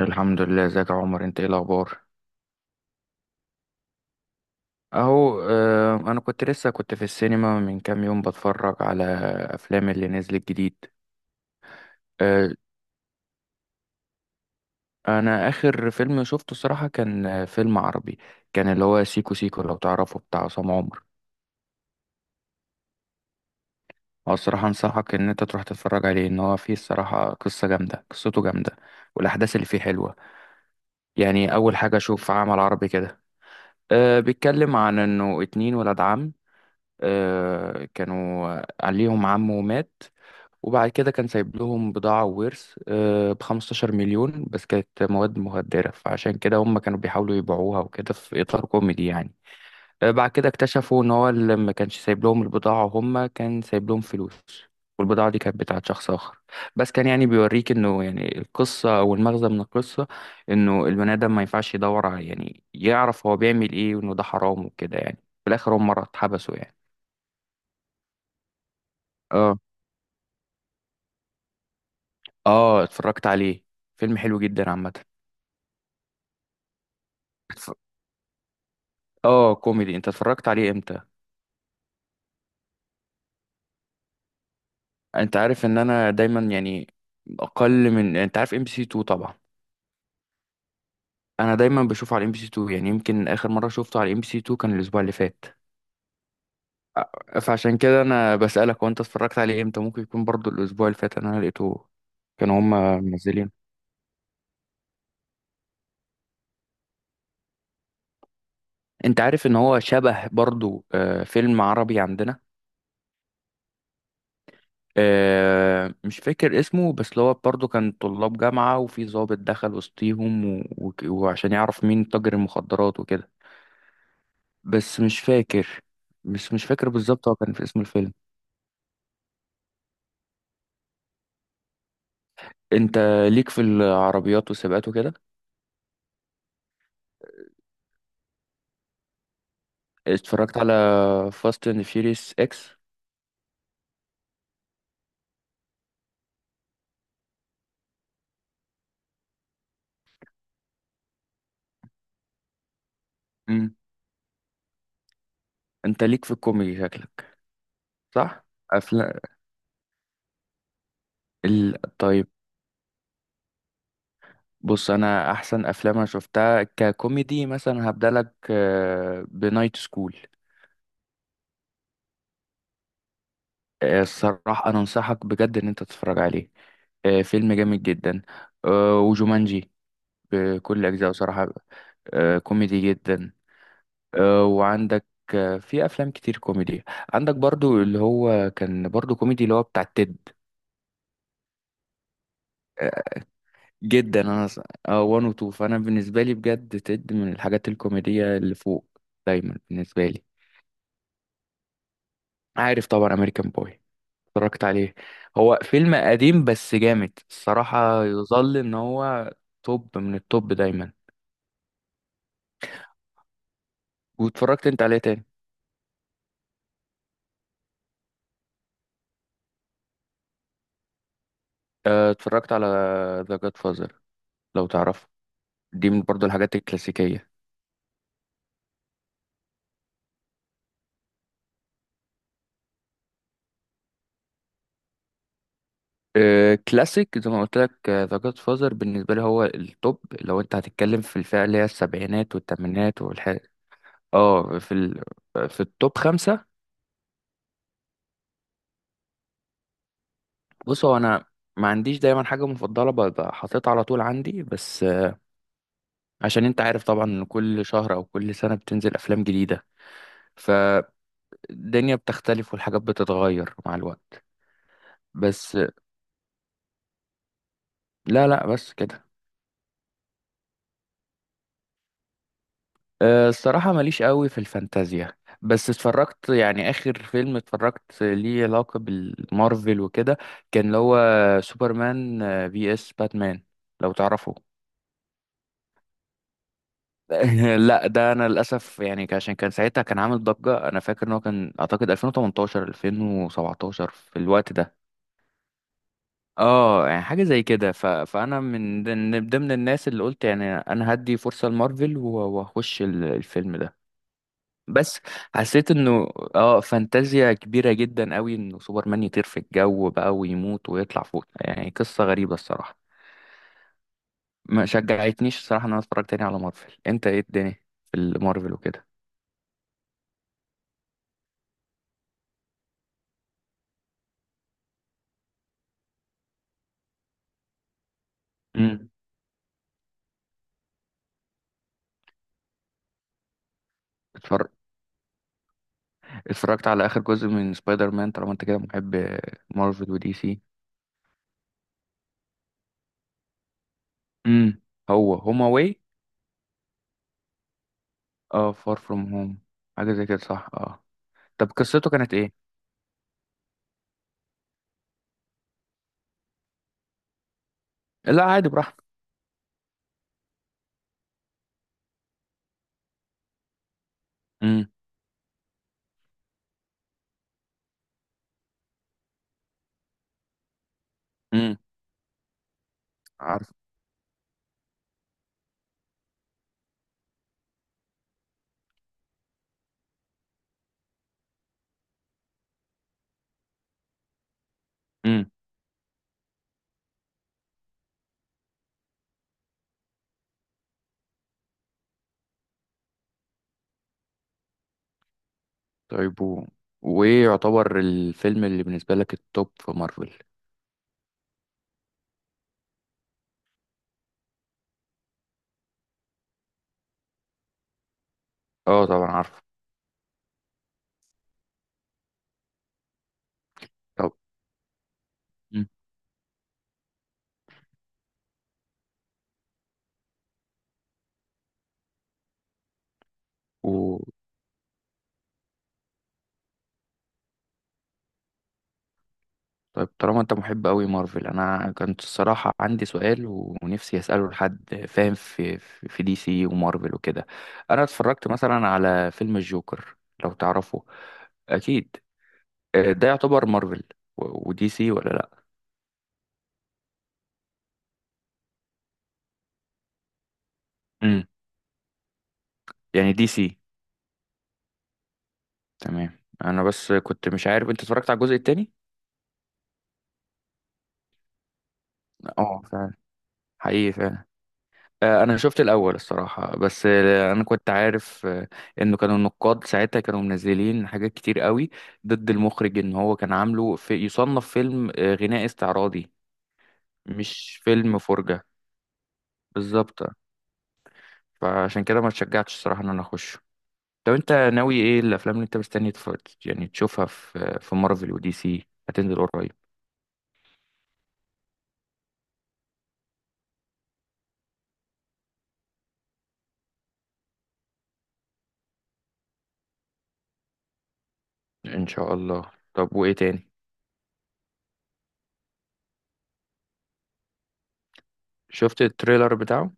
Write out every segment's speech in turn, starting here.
الحمد لله، ازيك يا عمر؟ انت ايه الاخبار؟ اهو. انا كنت لسه كنت في السينما من كام يوم بتفرج على افلام اللي نزلت جديد. آه، انا اخر فيلم شفته الصراحه كان فيلم عربي، كان اللي هو سيكو سيكو لو تعرفه، بتاع عصام عمر. هو الصراحه انصحك ان انت تروح تتفرج عليه، ان هو فيه الصراحه قصه جامده، قصته جامده، والاحداث اللي فيه حلوه. يعني اول حاجه اشوف عمل عربي كده. بيتكلم عن انه اتنين ولاد عم، كانوا عليهم عمه مات، وبعد كده كان سايب لهم بضاعة وورث ب 15 مليون، بس كانت مواد مخدرة، فعشان كده هم كانوا بيحاولوا يبيعوها وكده في إطار كوميدي يعني. بعد كده اكتشفوا إن هو اللي ما كانش سايب لهم البضاعة، هم كان سايب لهم فلوس، والبضاعة دي كانت بتاعت شخص آخر. بس كان يعني بيوريك إنه، يعني القصة أو المغزى من القصة، إنه البني آدم ما ينفعش يدور على، يعني يعرف هو بيعمل إيه، وإنه ده حرام وكده يعني. في الآخر هم مرة اتحبسوا يعني. اه، اه، اتفرجت عليه. فيلم حلو جدا عامة. اه، كوميدي. انت اتفرجت عليه امتى؟ انت عارف ان انا دايما يعني اقل من، انت عارف ام بي سي 2 طبعا. انا دايما بشوف على ام بي سي 2، يعني يمكن اخر مره شفته على ام بي سي 2 كان الاسبوع اللي فات. فعشان كده انا بسالك وانت اتفرجت عليه امتى، ممكن يكون برضو الاسبوع اللي فات انا لقيته. كانوا هما منزلين. انت عارف ان هو شبه برضو فيلم عربي عندنا. مش فاكر اسمه، بس اللي هو برضو كان طلاب جامعه، وفي ضابط دخل وسطيهم وعشان يعرف مين تاجر المخدرات وكده. بس مش فاكر. بس مش فاكر بالظبط هو كان في اسم الفيلم. انت ليك في العربيات والسباقات وكده؟ اتفرجت على فاست اند فيوريوس اكس. امم. انت ليك في الكوميدي شكلك. صح. افلام طيب، بص انا احسن افلام انا شفتها ككوميدي مثلا هبدأ لك بنايت سكول. الصراحة انا انصحك بجد ان انت تتفرج عليه. فيلم جامد جدا. وجومانجي بكل اجزائه صراحة. كوميدي جدا. وعندك في افلام كتير كوميدي. عندك برضو اللي هو كان برضو كوميدي اللي هو بتاع تيد. آه، جدا، اه وان وتو، فانا بالنسبه لي بجد تيد من الحاجات الكوميديه اللي فوق دايما بالنسبه لي. عارف طبعا امريكان بوي، اتفرجت عليه. هو فيلم قديم بس جامد الصراحه، يظل ان هو توب من التوب دايما. واتفرجت انت عليه تاني. اتفرجت على ذا جاد فازر لو تعرفه. دي من برضو الحاجات الكلاسيكيه. كلاسيك زي ما قلت لك، ذا جاد فازر بالنسبه لي هو التوب لو انت هتتكلم في الفئه اللي هي السبعينات والثمانينات والحاجات. اه في ال... في التوب خمسه. بص هو انا ما عنديش دايما حاجه مفضله ببقى حاططها على طول عندي، بس آه، عشان انت عارف طبعا ان كل شهر او كل سنه بتنزل افلام جديده، فالدنيا بتختلف والحاجات بتتغير مع الوقت. بس آه، لا، لا، بس كده. أه، الصراحة ماليش قوي في الفانتازيا. بس اتفرجت يعني آخر فيلم اتفرجت ليه علاقة بالمارفل وكده، كان اللي هو سوبرمان في اس باتمان لو تعرفه. لا ده انا للاسف يعني، عشان كان ساعتها كان عامل ضجة انا فاكر ان هو كان اعتقد 2018 2017 في الوقت ده. اه يعني حاجة زي كده. فانا من ضمن الناس اللي قلت يعني انا هدي فرصة لمارفل واخش الفيلم ده، بس حسيت انه اه فانتازيا كبيرة جدا قوي انه سوبرمان يطير في الجو بقى ويموت ويطلع فوق، يعني قصة غريبة الصراحة. ما شجعتنيش الصراحة ان انا اتفرج تاني على مارفل. انت ايه الدنيا في المارفل وكده؟ امم. اتفرج اتفرجت على اخر جزء من سبايدر مان طالما انت كده محب مارفل ودي سي. امم. هو هوم اواي. اه، فار فروم هوم حاجة زي كده، صح، اه. طب قصته كانت ايه؟ لا عادي براحتك. امم. امم. عارف. طيب، وايه يعتبر الفيلم اللي بالنسبة لك التوب في مارفل؟ اه طبعا عارفه. طب. مم. و... طيب، طالما انت محب قوي مارفل، انا كنت الصراحة عندي سؤال ونفسي اسأله لحد فاهم في دي سي ومارفل وكده. انا اتفرجت مثلا على فيلم الجوكر لو تعرفه. اكيد. ده يعتبر مارفل ودي سي، ولا لا؟ امم. يعني دي سي. تمام. انا بس كنت مش عارف انت اتفرجت على الجزء التاني. اه فعلا. حقيقي فعلا. انا شفت الاول الصراحه، بس آه، انا كنت عارف انه كانوا النقاد ساعتها كانوا منزلين حاجات كتير قوي ضد المخرج، ان هو كان عامله في يصنف فيلم غناء استعراضي مش فيلم فرجه. بالظبط، فعشان كده ما اتشجعتش الصراحه ان انا اخش. طب انت ناوي ايه الافلام اللي انت مستني يعني تشوفها في مارفل ودي سي هتنزل قريب؟ ان شاء الله. طب وايه تاني؟ شفت التريلر بتاعه؟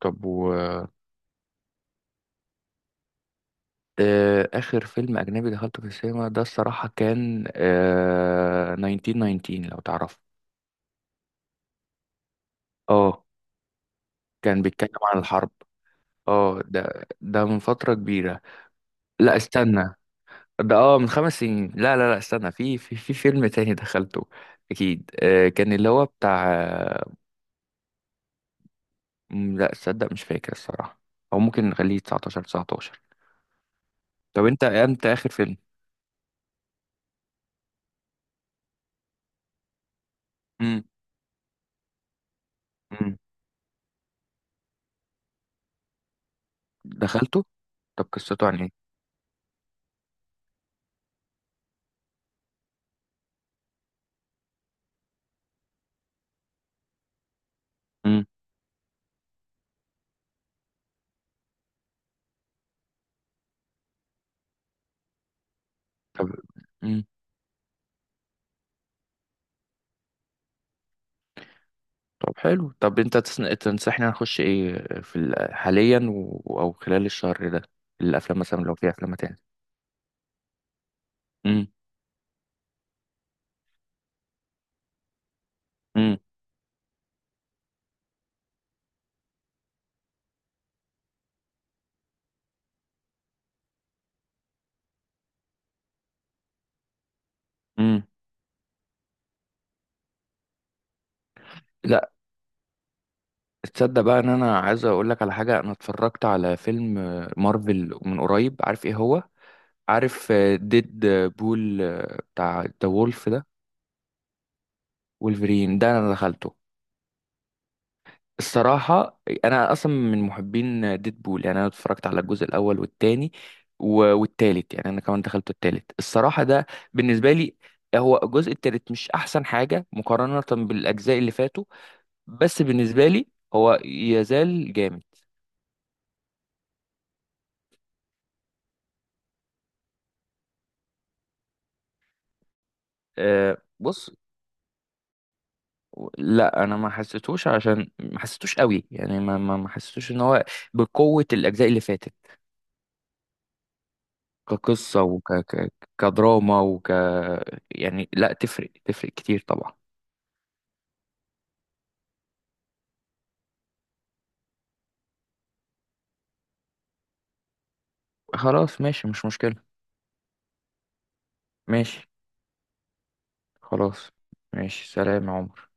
طب، آخر فيلم أجنبي دخلته في السينما ده الصراحة كان آه 1919 لو تعرفه. اه كان بيتكلم عن الحرب. اه ده من فترة كبيرة. لا استنى، ده اه من خمس سنين. لا، لا، لا، استنى، في فيلم تاني دخلته. أكيد آه كان اللي هو بتاع لا تصدق مش فاكر الصراحة، أو ممكن نخليه 19 19. طب أنت آخر فيلم، مم. مم. دخلته. طب قصته عن إيه؟ مم. طب. طب حلو. طب انت تنصحني نخش ايه في حاليا او خلال الشهر ده، الافلام مثلا لو في افلام تاني؟ امم. امم. امم. لا تصدق بقى ان انا عايز اقول لك على حاجه. انا اتفرجت على فيلم مارفل من قريب. عارف ايه هو؟ عارف ديد بول بتاع ذا وولف ده، وولفرين، ده انا دخلته. الصراحة أنا أصلا من محبين ديدبول، يعني أنا اتفرجت على الجزء الأول والتاني والتالت. يعني أنا كمان دخلت التالت الصراحة، ده بالنسبة لي هو الجزء التالت مش أحسن حاجة مقارنة بالأجزاء اللي فاتوا. بس بالنسبة لي هو يزال جامد. أه بص، لا أنا ما حسيتوش، عشان ما حسيتوش قوي يعني، ما حسيتوش إن هو بقوة الأجزاء اللي فاتت كقصة كدراما يعني لا تفرق تفرق كتير طبعا. خلاص ماشي مش مشكلة. ماشي. خلاص. ماشي، سلام يا عمر.